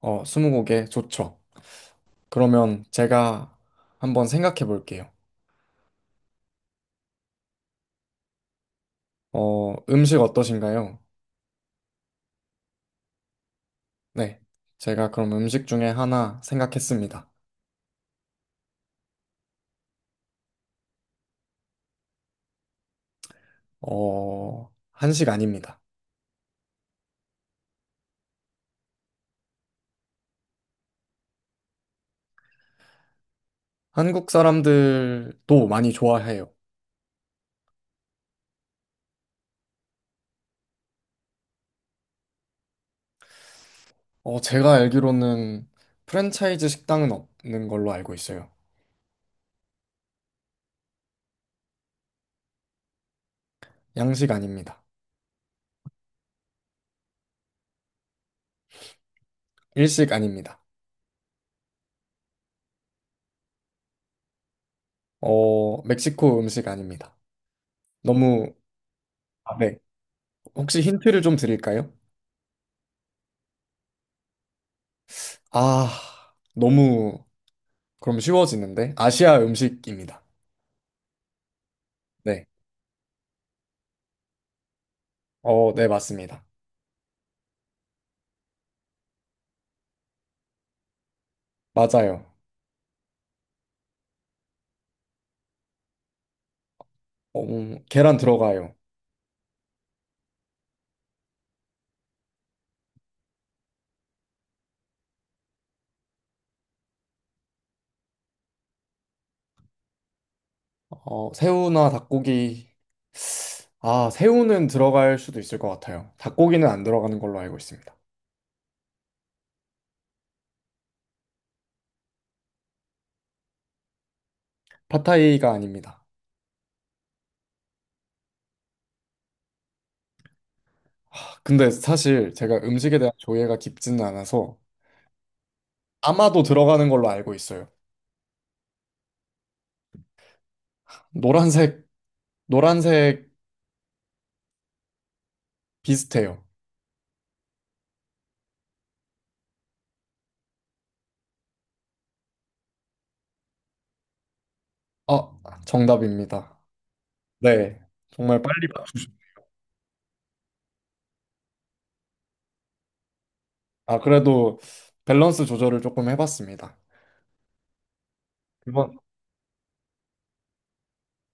스무고개 좋죠. 그러면 제가 한번 생각해 볼게요. 음식 어떠신가요? 네. 제가 그럼 음식 중에 하나 생각했습니다. 한식 아닙니다. 한국 사람들도 많이 좋아해요. 제가 알기로는 프랜차이즈 식당은 없는 걸로 알고 있어요. 양식 아닙니다. 일식 아닙니다. 멕시코 음식 아닙니다. 너무, 아, 네. 혹시 힌트를 좀 드릴까요? 아, 너무 그럼 쉬워지는데? 아시아 음식입니다. 네. 네, 맞습니다. 맞아요. 계란 들어가요. 새우나 닭고기. 아, 새우는 들어갈 수도 있을 것 같아요. 닭고기는 안 들어가는 걸로 알고 있습니다. 팟타이가 아닙니다. 아, 근데 사실 제가 음식에 대한 조예가 깊지는 않아서 아마도 들어가는 걸로 알고 있어요. 노란색, 노란색 비슷해요. 아, 정답입니다. 네. 정말 빨리. 아, 그래도 밸런스 조절을 조금 해봤습니다. 이번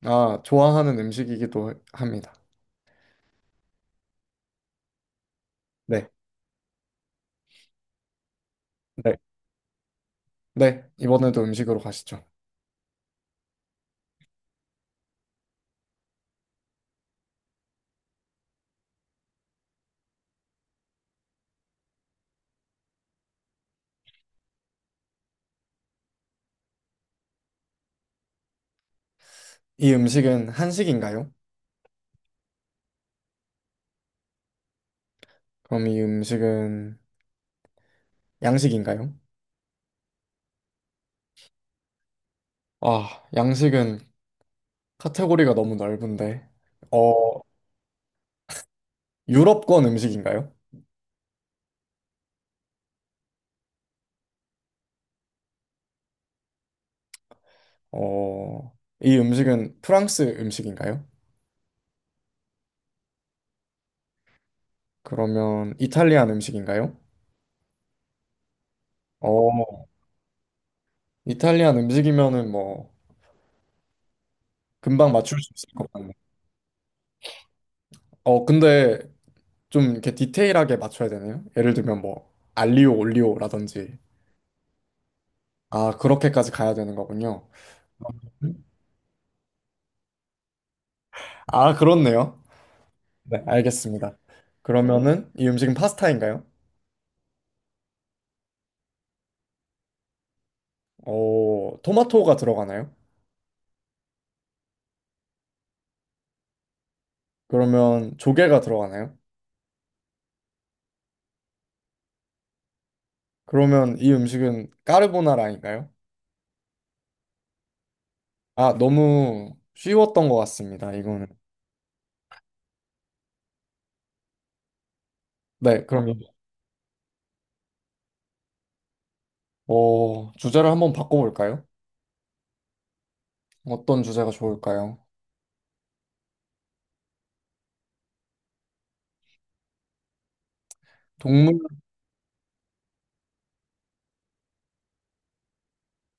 아, 좋아하는 음식이기도 합니다. 네, 네, 네. 이번에도 음식으로 가시죠. 이 음식은 한식인가요? 그럼 이 음식은 양식인가요? 아, 양식은 카테고리가 너무 넓은데. 어, 유럽권 음식인가요? 이 음식은 프랑스 음식인가요? 그러면 이탈리안 음식인가요? 어, 이탈리안 음식이면은 뭐 금방 맞출 수 있을 것 같네요. 근데 좀 이렇게 디테일하게 맞춰야 되나요? 예를 들면 뭐 알리오 올리오라든지 아 그렇게까지 가야 되는 거군요. 아 그렇네요. 네 알겠습니다. 그러면은 이 음식은 파스타인가요? 어 토마토가 들어가나요? 그러면 조개가 들어가나요? 그러면 이 음식은 까르보나라인가요? 아 너무 쉬웠던 것 같습니다. 이거는 네 그럼 어 주제를 한번 바꿔볼까요? 어떤 주제가 좋을까요? 동물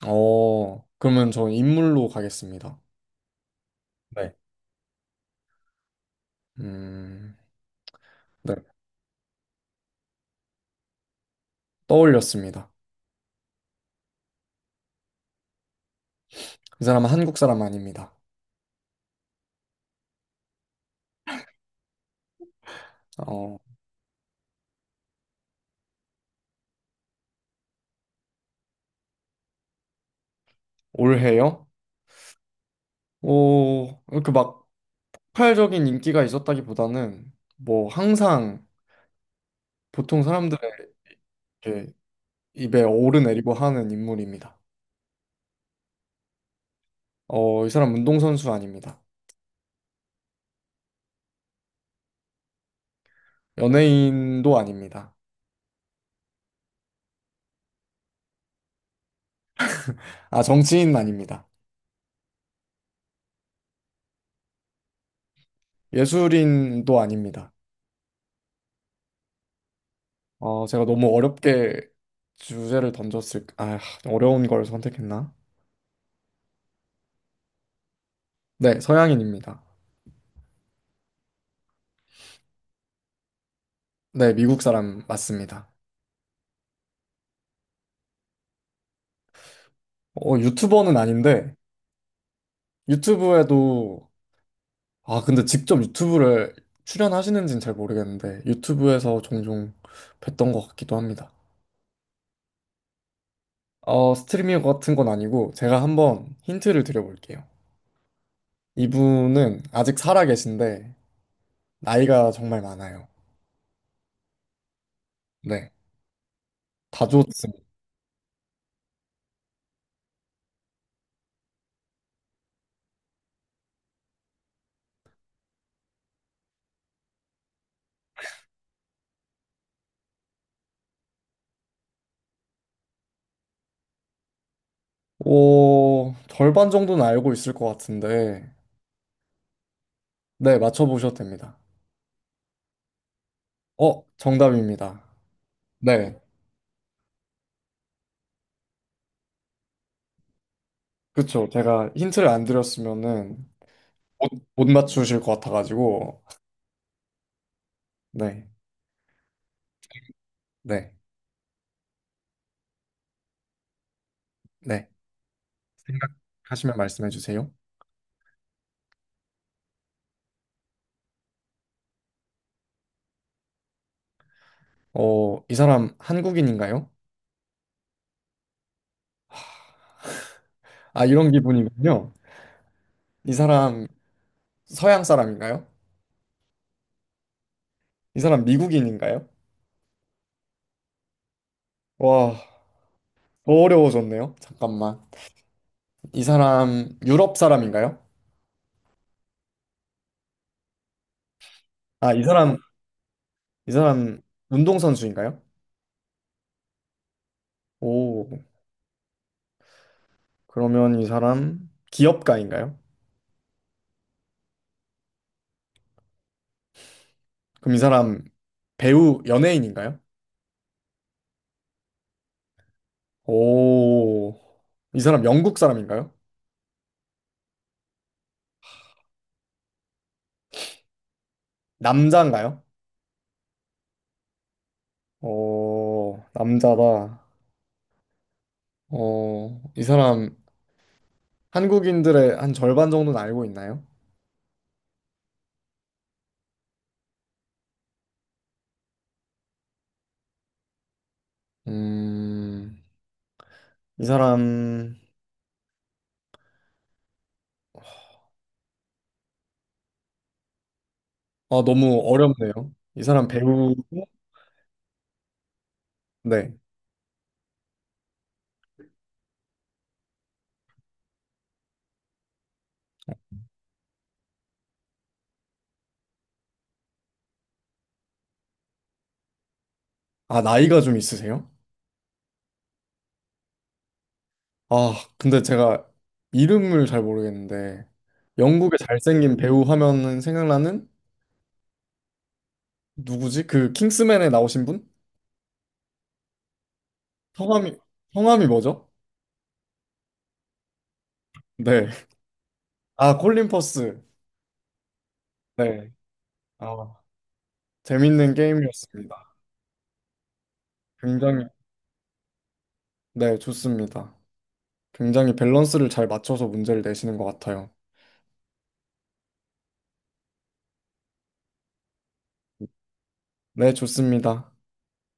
어 그러면 저 인물로 가겠습니다. 네. 음, 네. 떠올렸습니다. 이 사람은 한국 사람 아닙니다. 어, 올해요? 오, 이렇게 막 폭발적인 인기가 있었다기보다는 뭐 항상 보통 사람들의 이렇게 입에 오르내리고 하는 인물입니다. 이 사람 운동선수 아닙니다. 연예인도 아닙니다. 아, 정치인 아닙니다. 예술인도 아닙니다. 제가 너무 어렵게 주제를 던졌을, 아, 어려운 걸 선택했나? 네, 서양인입니다. 네, 미국 사람 맞습니다. 유튜버는 아닌데, 유튜브에도, 근데 직접 유튜브를 출연하시는지는 잘 모르겠는데, 유튜브에서 종종 뵀던 것 같기도 합니다. 스트리밍 같은 건 아니고, 제가 한번 힌트를 드려볼게요. 이분은 아직 살아계신데, 나이가 정말 많아요. 네, 다 좋습니다. 오, 절반 정도는 알고 있을 것 같은데, 네, 맞춰보셔도 됩니다. 어, 정답입니다. 네. 그쵸. 제가 힌트를 안 드렸으면은 못, 못 맞추실 것 같아가지고. 네, 네, 네. 생각하시면 말씀해 주세요. 이 사람 한국인인가요? 아, 이런 기분이군요. 이 사람 서양 사람인가요? 이 사람 미국인인가요? 와, 더 어려워졌네요. 잠깐만. 이 사람 유럽 사람인가요? 아, 이 사람, 이 사람 운동선수인가요? 오, 그러면 이 사람 기업가인가요? 그럼 이 사람 배우 연예인인가요? 오, 이 사람 영국 사람인가요? 남자인가요? 오, 남자다. 이 사람 한국인들의 한 절반 정도는 알고 있나요? 음, 이 사람, 아, 너무 어렵네요. 이 사람 배우, 네. 아, 나이가 좀 있으세요? 아, 근데 제가 이름을 잘 모르겠는데, 영국의 잘생긴 배우 하면은 생각나는 누구지? 그 킹스맨에 나오신 분? 성함이, 성함이 뭐죠? 네. 아, 콜린 퍼스. 네. 아, 재밌는 게임이었습니다. 굉장히, 네, 좋습니다. 굉장히 밸런스를 잘 맞춰서 문제를 내시는 것 같아요. 네, 좋습니다.